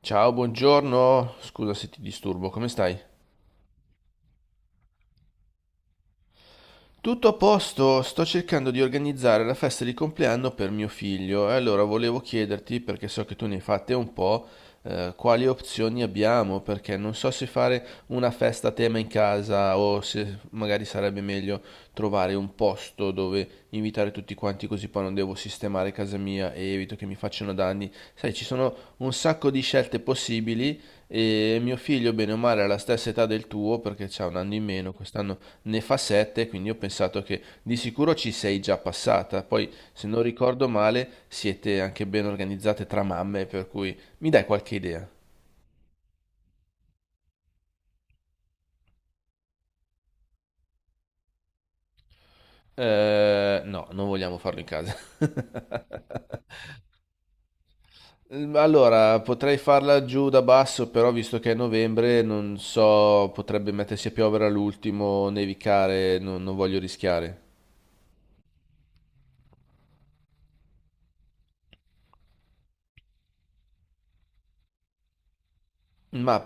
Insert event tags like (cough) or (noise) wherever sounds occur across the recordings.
Ciao, buongiorno. Scusa se ti disturbo, come stai? Tutto a posto, sto cercando di organizzare la festa di compleanno per mio figlio e allora volevo chiederti, perché so che tu ne hai fatte un po', quali opzioni abbiamo, perché non so se fare una festa a tema in casa o se magari sarebbe meglio trovare un posto dove invitare tutti quanti così poi non devo sistemare casa mia e evito che mi facciano danni. Sai, ci sono un sacco di scelte possibili e mio figlio, bene o male, ha la stessa età del tuo perché c'ha un anno in meno, quest'anno ne fa 7, quindi ho pensato che di sicuro ci sei già passata. Poi, se non ricordo male, siete anche ben organizzate tra mamme, per cui mi dai qualche idea? No, non vogliamo farlo in casa. (laughs) Allora, potrei farla giù da basso, però visto che è novembre, non so, potrebbe mettersi a piovere all'ultimo, nevicare, non voglio rischiare. Ma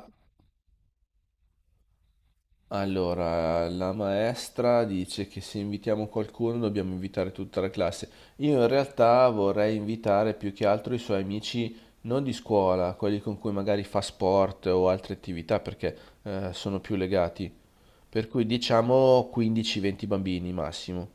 allora, la maestra dice che se invitiamo qualcuno dobbiamo invitare tutta la classe. Io in realtà vorrei invitare più che altro i suoi amici non di scuola, quelli con cui magari fa sport o altre attività, perché sono più legati. Per cui diciamo 15-20 bambini massimo.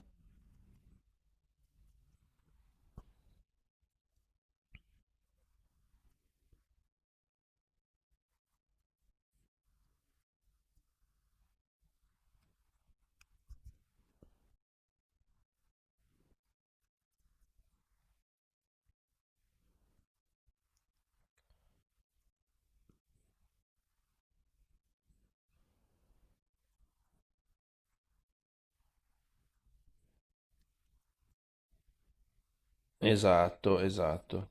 Esatto, esatto.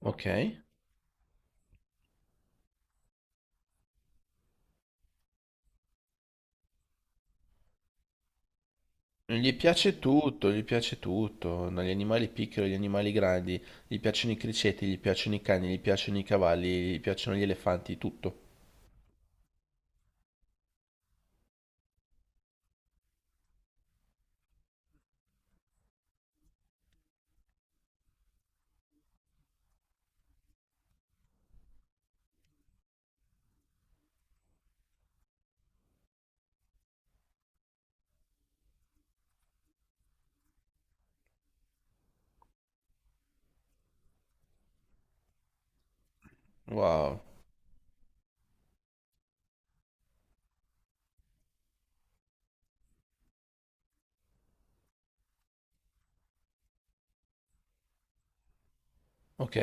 Ok. Gli piace tutto, dagli animali piccoli agli animali grandi, gli piacciono i criceti, gli piacciono i cani, gli piacciono i cavalli, gli piacciono gli elefanti, tutto. Wow. Ok,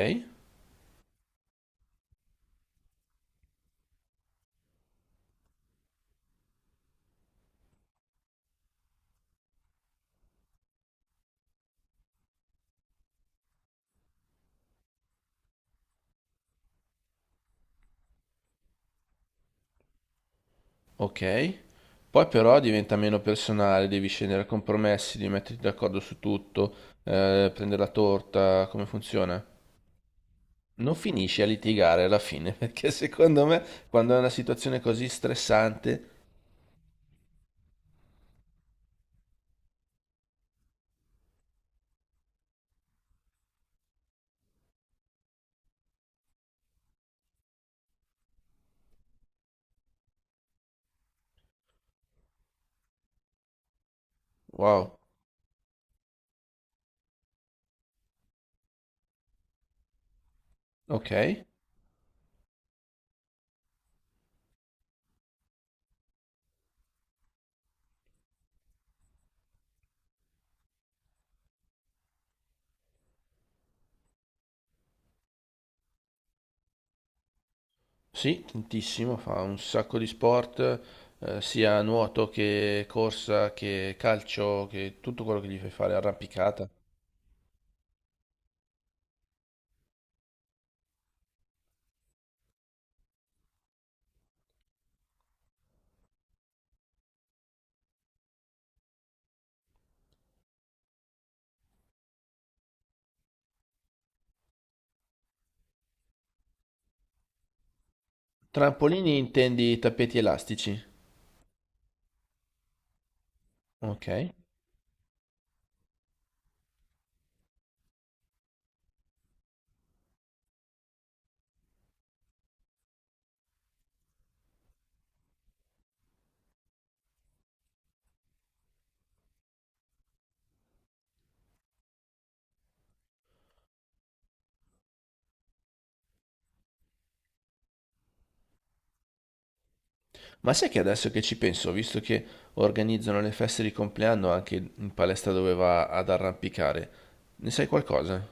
ok. Poi però diventa meno personale, devi scendere a compromessi, devi metterti d'accordo su tutto, prendere la torta, come funziona? Non finisci a litigare alla fine, (laughs) perché secondo me quando è una situazione così stressante. Wow. Ok. Sì, tantissimo, fa un sacco di sport, sia nuoto che corsa che calcio, che tutto quello che gli fai fare, arrampicata. Trampolini intendi tappeti elastici? Ok. Ma sai che adesso che ci penso, visto che organizzano le feste di compleanno anche in palestra dove va ad arrampicare, ne sai qualcosa?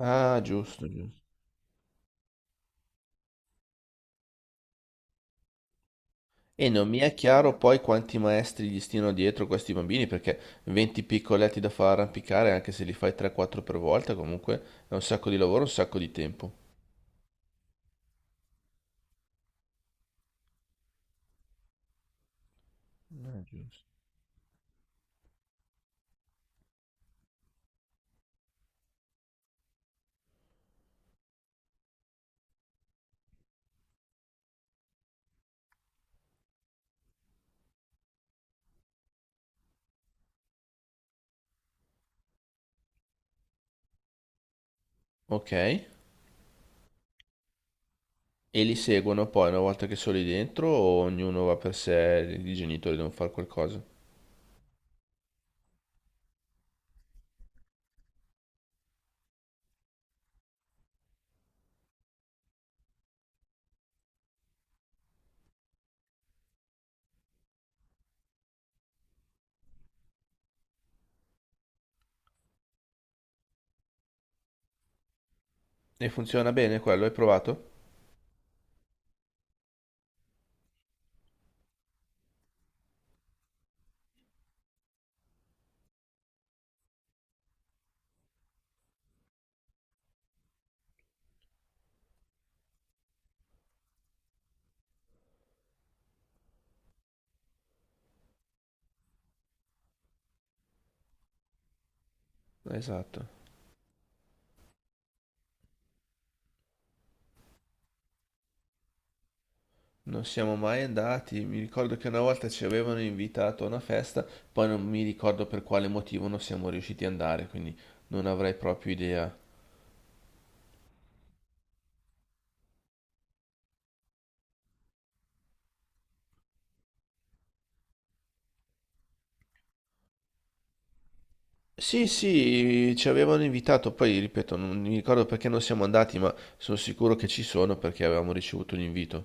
Ah, giusto, giusto. E non mi è chiaro poi quanti maestri gli stiano dietro questi bambini, perché 20 piccoletti da far arrampicare, anche se li fai 3-4 per volta, comunque è un sacco di lavoro, un sacco di tempo. Non è giusto. Ok? E li seguono poi una volta che sono lì dentro o ognuno va per sé, i genitori devono fare qualcosa. E funziona bene quello, hai provato? Esatto. Non siamo mai andati, mi ricordo che una volta ci avevano invitato a una festa, poi non mi ricordo per quale motivo non siamo riusciti ad andare, quindi non avrei proprio idea. Sì, sì, ci avevano invitato, poi ripeto, non mi ricordo perché non siamo andati, ma sono sicuro che ci sono perché avevamo ricevuto l'invito.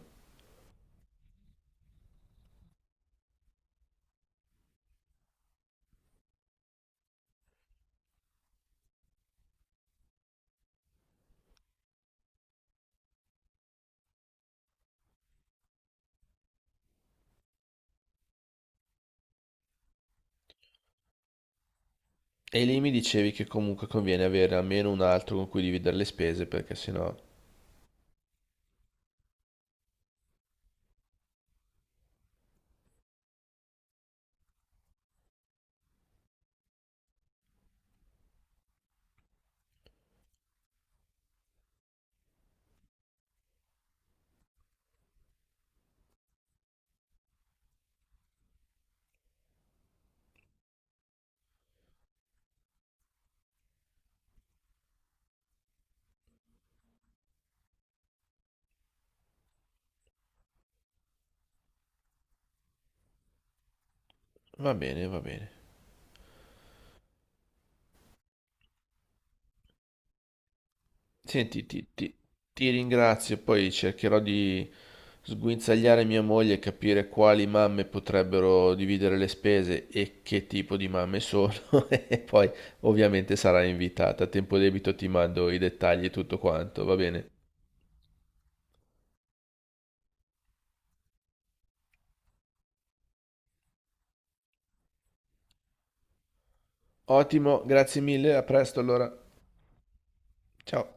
E lì mi dicevi che comunque conviene avere almeno un altro con cui dividere le spese perché sennò... Va bene, va bene. Senti, ti ringrazio, poi cercherò di sguinzagliare mia moglie e capire quali mamme potrebbero dividere le spese e che tipo di mamme sono. (laughs) E poi ovviamente sarai invitata. A tempo debito ti mando i dettagli e tutto quanto, va bene? Ottimo, grazie mille, a presto allora. Ciao.